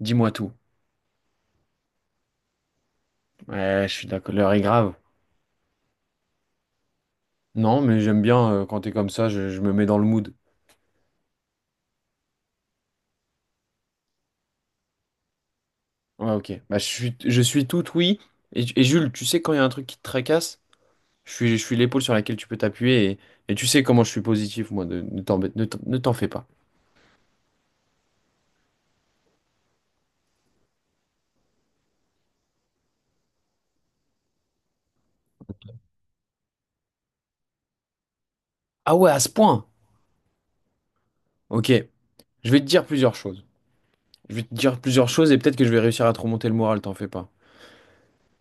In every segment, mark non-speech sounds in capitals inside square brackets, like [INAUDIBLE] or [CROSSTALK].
Dis-moi tout. Ouais, je suis d'accord. L'heure est grave. Non, mais j'aime bien quand t'es comme ça, je me mets dans le mood. Ouais, ok. Bah, je suis tout oui. Et Jules, tu sais quand il y a un truc qui te tracasse, je suis l'épaule sur laquelle tu peux t'appuyer et tu sais comment je suis positif, moi. Ne t'en fais pas. Ah ouais, à ce point. Ok. Je vais te dire plusieurs choses. Je vais te dire plusieurs choses et peut-être que je vais réussir à te remonter le moral, t'en fais pas.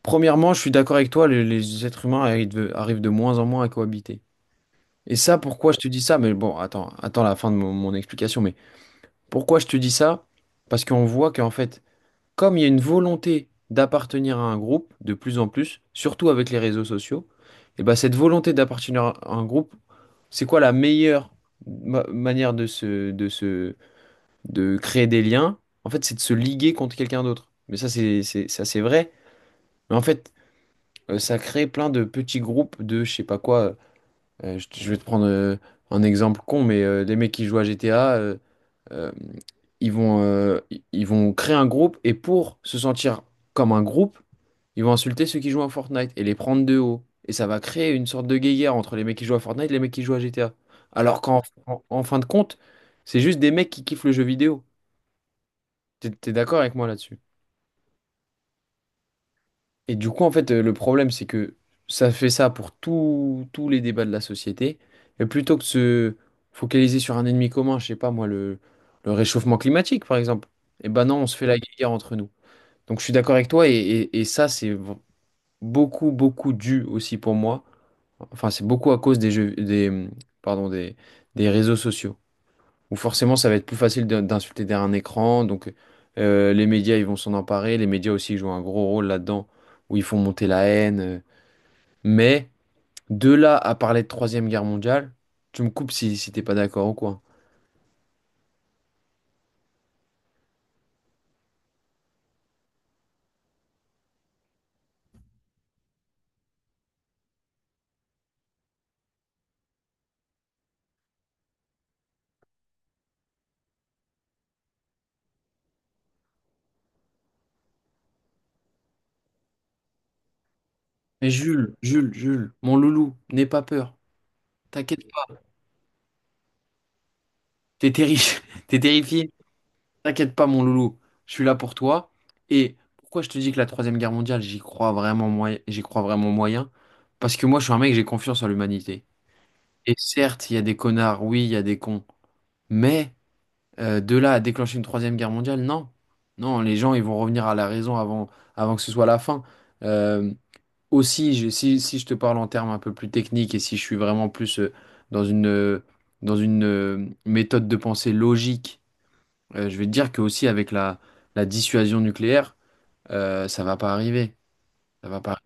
Premièrement, je suis d'accord avec toi, les êtres humains arrivent de moins en moins à cohabiter. Et ça, pourquoi je te dis ça? Mais bon, attends la fin de mon explication. Mais pourquoi je te dis ça? Parce qu'on voit qu'en fait, comme il y a une volonté d'appartenir à un groupe de plus en plus, surtout avec les réseaux sociaux, et ben cette volonté d'appartenir à un groupe, c'est quoi la meilleure manière de se, de créer des liens? En fait, c'est de se liguer contre quelqu'un d'autre. Mais ça, ça, c'est vrai. Mais en fait, ça crée plein de petits groupes de je sais pas quoi. Je vais te prendre un exemple con, mais les mecs qui jouent à GTA, euh, ils vont créer un groupe et pour se sentir comme un groupe, ils vont insulter ceux qui jouent à Fortnite et les prendre de haut. Et ça va créer une sorte de guéguerre entre les mecs qui jouent à Fortnite et les mecs qui jouent à GTA. Alors qu'en en, en fin de compte, c'est juste des mecs qui kiffent le jeu vidéo. T'es d'accord avec moi là-dessus? Et du coup, en fait, le problème, c'est que ça fait ça pour tous les débats de la société. Et plutôt que de se focaliser sur un ennemi commun, je sais pas moi, le réchauffement climatique, par exemple, eh ben non, on se fait la guerre entre nous. Donc je suis d'accord avec toi, et ça, beaucoup, beaucoup dû aussi pour moi. Enfin, c'est beaucoup à cause des jeux, des, pardon, des réseaux sociaux où forcément ça va être plus facile d'insulter derrière un écran. Donc les médias, ils vont s'en emparer. Les médias aussi jouent un gros rôle là-dedans, où ils font monter la haine. Mais de là à parler de Troisième Guerre mondiale, tu me coupes si t'es pas d'accord ou quoi. Mais Jules, Jules, Jules, mon loulou, n'aie pas peur. T'inquiète pas, t'es terrifié. [LAUGHS] T'es terrifié. T'inquiète pas, mon loulou. Je suis là pour toi. Et pourquoi je te dis que la Troisième Guerre mondiale, j'y crois vraiment moyen, j'y crois vraiment moyen? Parce que moi, je suis un mec, j'ai confiance en l'humanité. Et certes, il y a des connards, oui, il y a des cons, mais de là à déclencher une troisième guerre mondiale, non. Non, les gens, ils vont revenir à la raison avant que ce soit la fin. Euh, aussi, si je te parle en termes un peu plus techniques et si je suis vraiment plus dans une, euh, dans une méthode de pensée logique, je vais te dire que aussi avec la dissuasion nucléaire, ça va pas arriver. Ça va pas.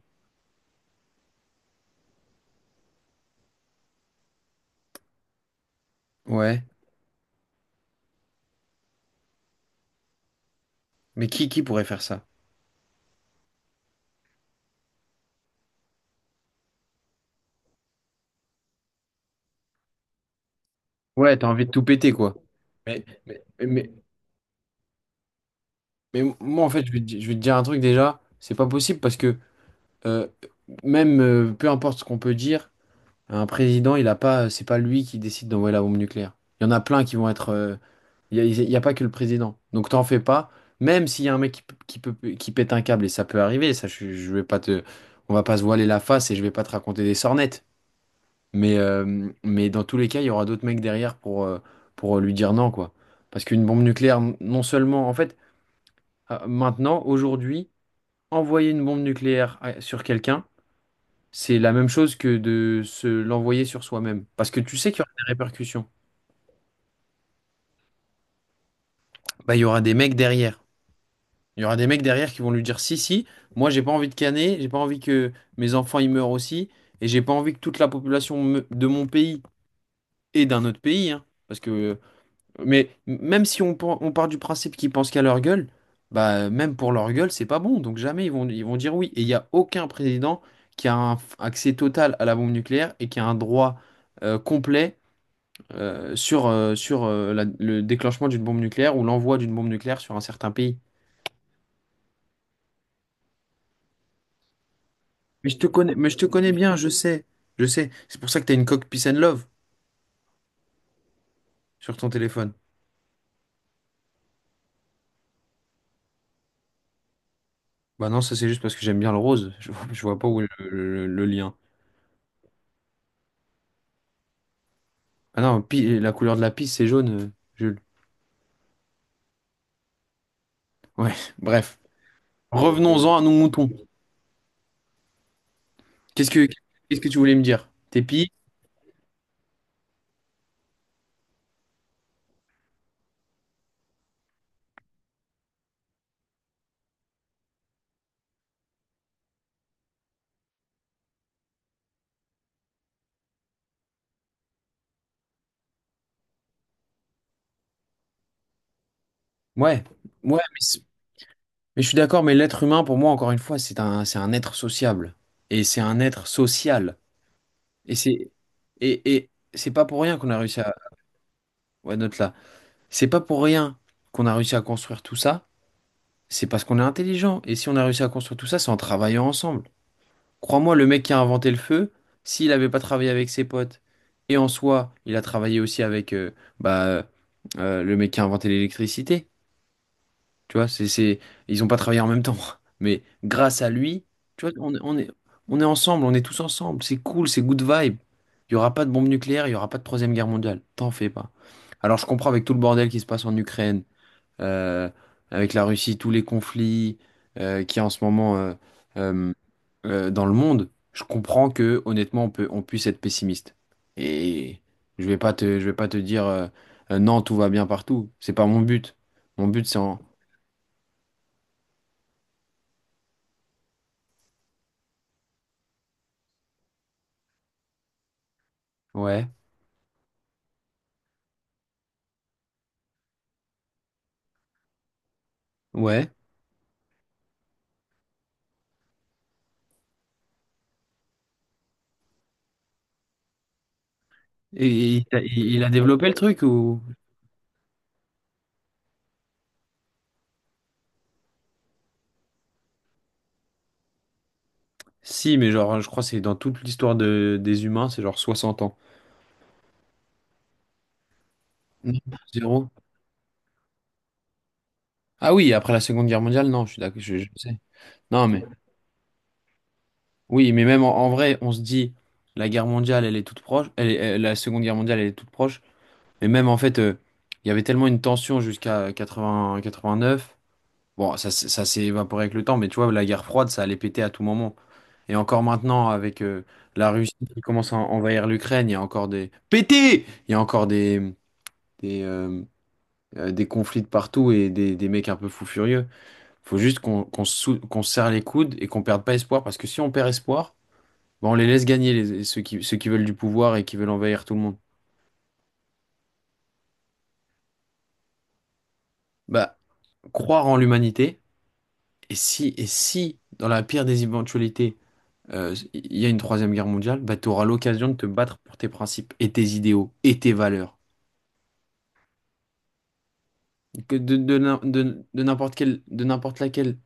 Ouais. Mais qui pourrait faire ça? Ouais, t'as envie de tout péter, quoi. Mais, mais, mais- Mais moi, en fait, je vais te dire un truc déjà, c'est pas possible parce que euh, même peu importe ce qu'on peut dire, un président, il a pas, c'est pas lui qui décide d'envoyer la bombe nucléaire. Il y en a plein qui vont être. Il y a pas que le président. Donc t'en fais pas, même s'il y a un mec qui, p- qui peut, qui pète un câble, et ça peut arriver, ça, je vais pas te, on va pas se voiler la face et je vais pas te raconter des sornettes. Mais dans tous les cas, il y aura d'autres mecs derrière pour lui dire non, quoi. Parce qu'une bombe nucléaire, non seulement, en fait, maintenant, aujourd'hui, envoyer une bombe nucléaire sur quelqu'un, c'est la même chose que de se l'envoyer sur soi-même. Parce que tu sais qu'il y aura des répercussions. Bah, il y aura des mecs derrière. Il y aura des mecs derrière qui vont lui dire, si, si, moi j'ai pas envie de caner, j'ai pas envie que mes enfants y meurent aussi, et j'ai pas envie que toute la population de mon pays et d'un autre pays, hein, parce que mais même si on part du principe qu'ils pensent qu'à leur gueule, bah même pour leur gueule, c'est pas bon. Donc jamais ils vont dire oui. Et il n'y a aucun président qui a un accès total à la bombe nucléaire et qui a un droit complet sur le déclenchement d'une bombe nucléaire ou l'envoi d'une bombe nucléaire sur un certain pays. Mais je te connais, mais je te connais bien, je sais. Je sais. C'est pour ça que t'as une coque Peace and Love sur ton téléphone. Bah non, ça c'est juste parce que j'aime bien le rose. Je vois pas où est le lien. Ah non, la couleur de la piste, c'est jaune, Jules. Ouais, bref. Revenons-en à nos moutons. Qu'est-ce que, qu'est-ce que tu voulais me dire? T'es pis? Ouais, ouais, mais je suis d'accord, mais l'être humain, pour moi, encore une fois, c'est un, être sociable. Et c'est un être social. Et c'est, et c'est pas pour rien qu'on a réussi à, ouais, note là. C'est pas pour rien qu'on a réussi à construire tout ça. C'est parce qu'on est intelligent. Et si on a réussi à construire tout ça, c'est en travaillant ensemble. Crois-moi, le mec qui a inventé le feu, s'il n'avait pas travaillé avec ses potes, et en soi, il a travaillé aussi avec bah, le mec qui a inventé l'électricité, tu vois, ils ont pas travaillé en même temps. [LAUGHS] Mais grâce à lui, tu vois, on est ensemble, on est tous ensemble, c'est cool, c'est good vibe. Il n'y aura pas de bombe nucléaire, il n'y aura pas de troisième guerre mondiale, t'en fais pas. Alors je comprends avec tout le bordel qui se passe en Ukraine, euh, avec la Russie, tous les conflits qu'il y a en ce moment euh, dans le monde, je comprends que honnêtement on puisse être pessimiste. Et je vais pas te dire non, tout va bien partout. C'est pas mon but. Mon but c'est en... Ouais, ouais. Et, et il a développé le truc ou... Si, mais genre, je crois que c'est dans toute l'histoire des humains, c'est genre 60 ans. Non, zéro. Ah oui, après la Seconde Guerre mondiale, non, je suis d'accord, je sais. Non, mais... Oui, mais même en vrai, on se dit, la guerre mondiale, elle est toute proche, la Seconde Guerre mondiale, elle est toute proche, mais même en fait, il y avait tellement une tension jusqu'à 80, 89, bon, ça s'est évaporé avec le temps, mais tu vois, la guerre froide, ça allait péter à tout moment. Et encore maintenant, avec la Russie qui commence à envahir l'Ukraine, il y a encore des... Pété! Il y a encore des, euh, des conflits de partout et des mecs un peu fous furieux. Faut juste qu'on se serre les coudes et qu'on perde pas espoir, parce que si on perd espoir... Bah, on les laisse gagner, ceux qui veulent du pouvoir et qui veulent envahir tout le monde. Bah, croire en l'humanité, et si, dans la pire des éventualités, il y a une troisième guerre mondiale, bah, tu auras l'occasion de te battre pour tes principes et tes idéaux et tes valeurs. Que de n'importe quelle, de n'importe laquelle,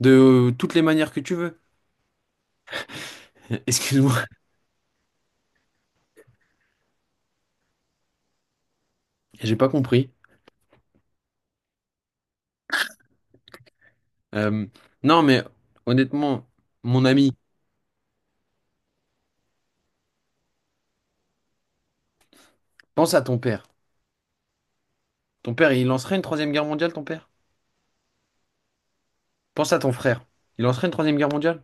de toutes les manières que tu veux. [LAUGHS] Excuse-moi, j'ai pas compris. Euh, non, mais honnêtement, mon ami, pense à ton père. Ton père, il lancerait une troisième guerre mondiale, ton père? Pense à ton frère. Il lancerait une troisième guerre mondiale?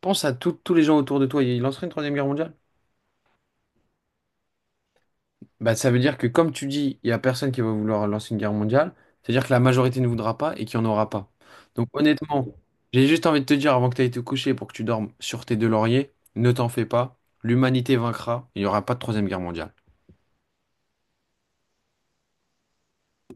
Pense à tous les gens autour de toi, ils lanceraient une troisième guerre mondiale? Bah, ça veut dire que, comme tu dis, il n'y a personne qui va vouloir lancer une guerre mondiale, c'est-à-dire que la majorité ne voudra pas et qu'il n'y en aura pas. Donc, honnêtement, j'ai juste envie de te dire, avant que tu ailles te coucher pour que tu dormes sur tes deux lauriers, ne t'en fais pas, l'humanité vaincra, il n'y aura pas de troisième guerre mondiale.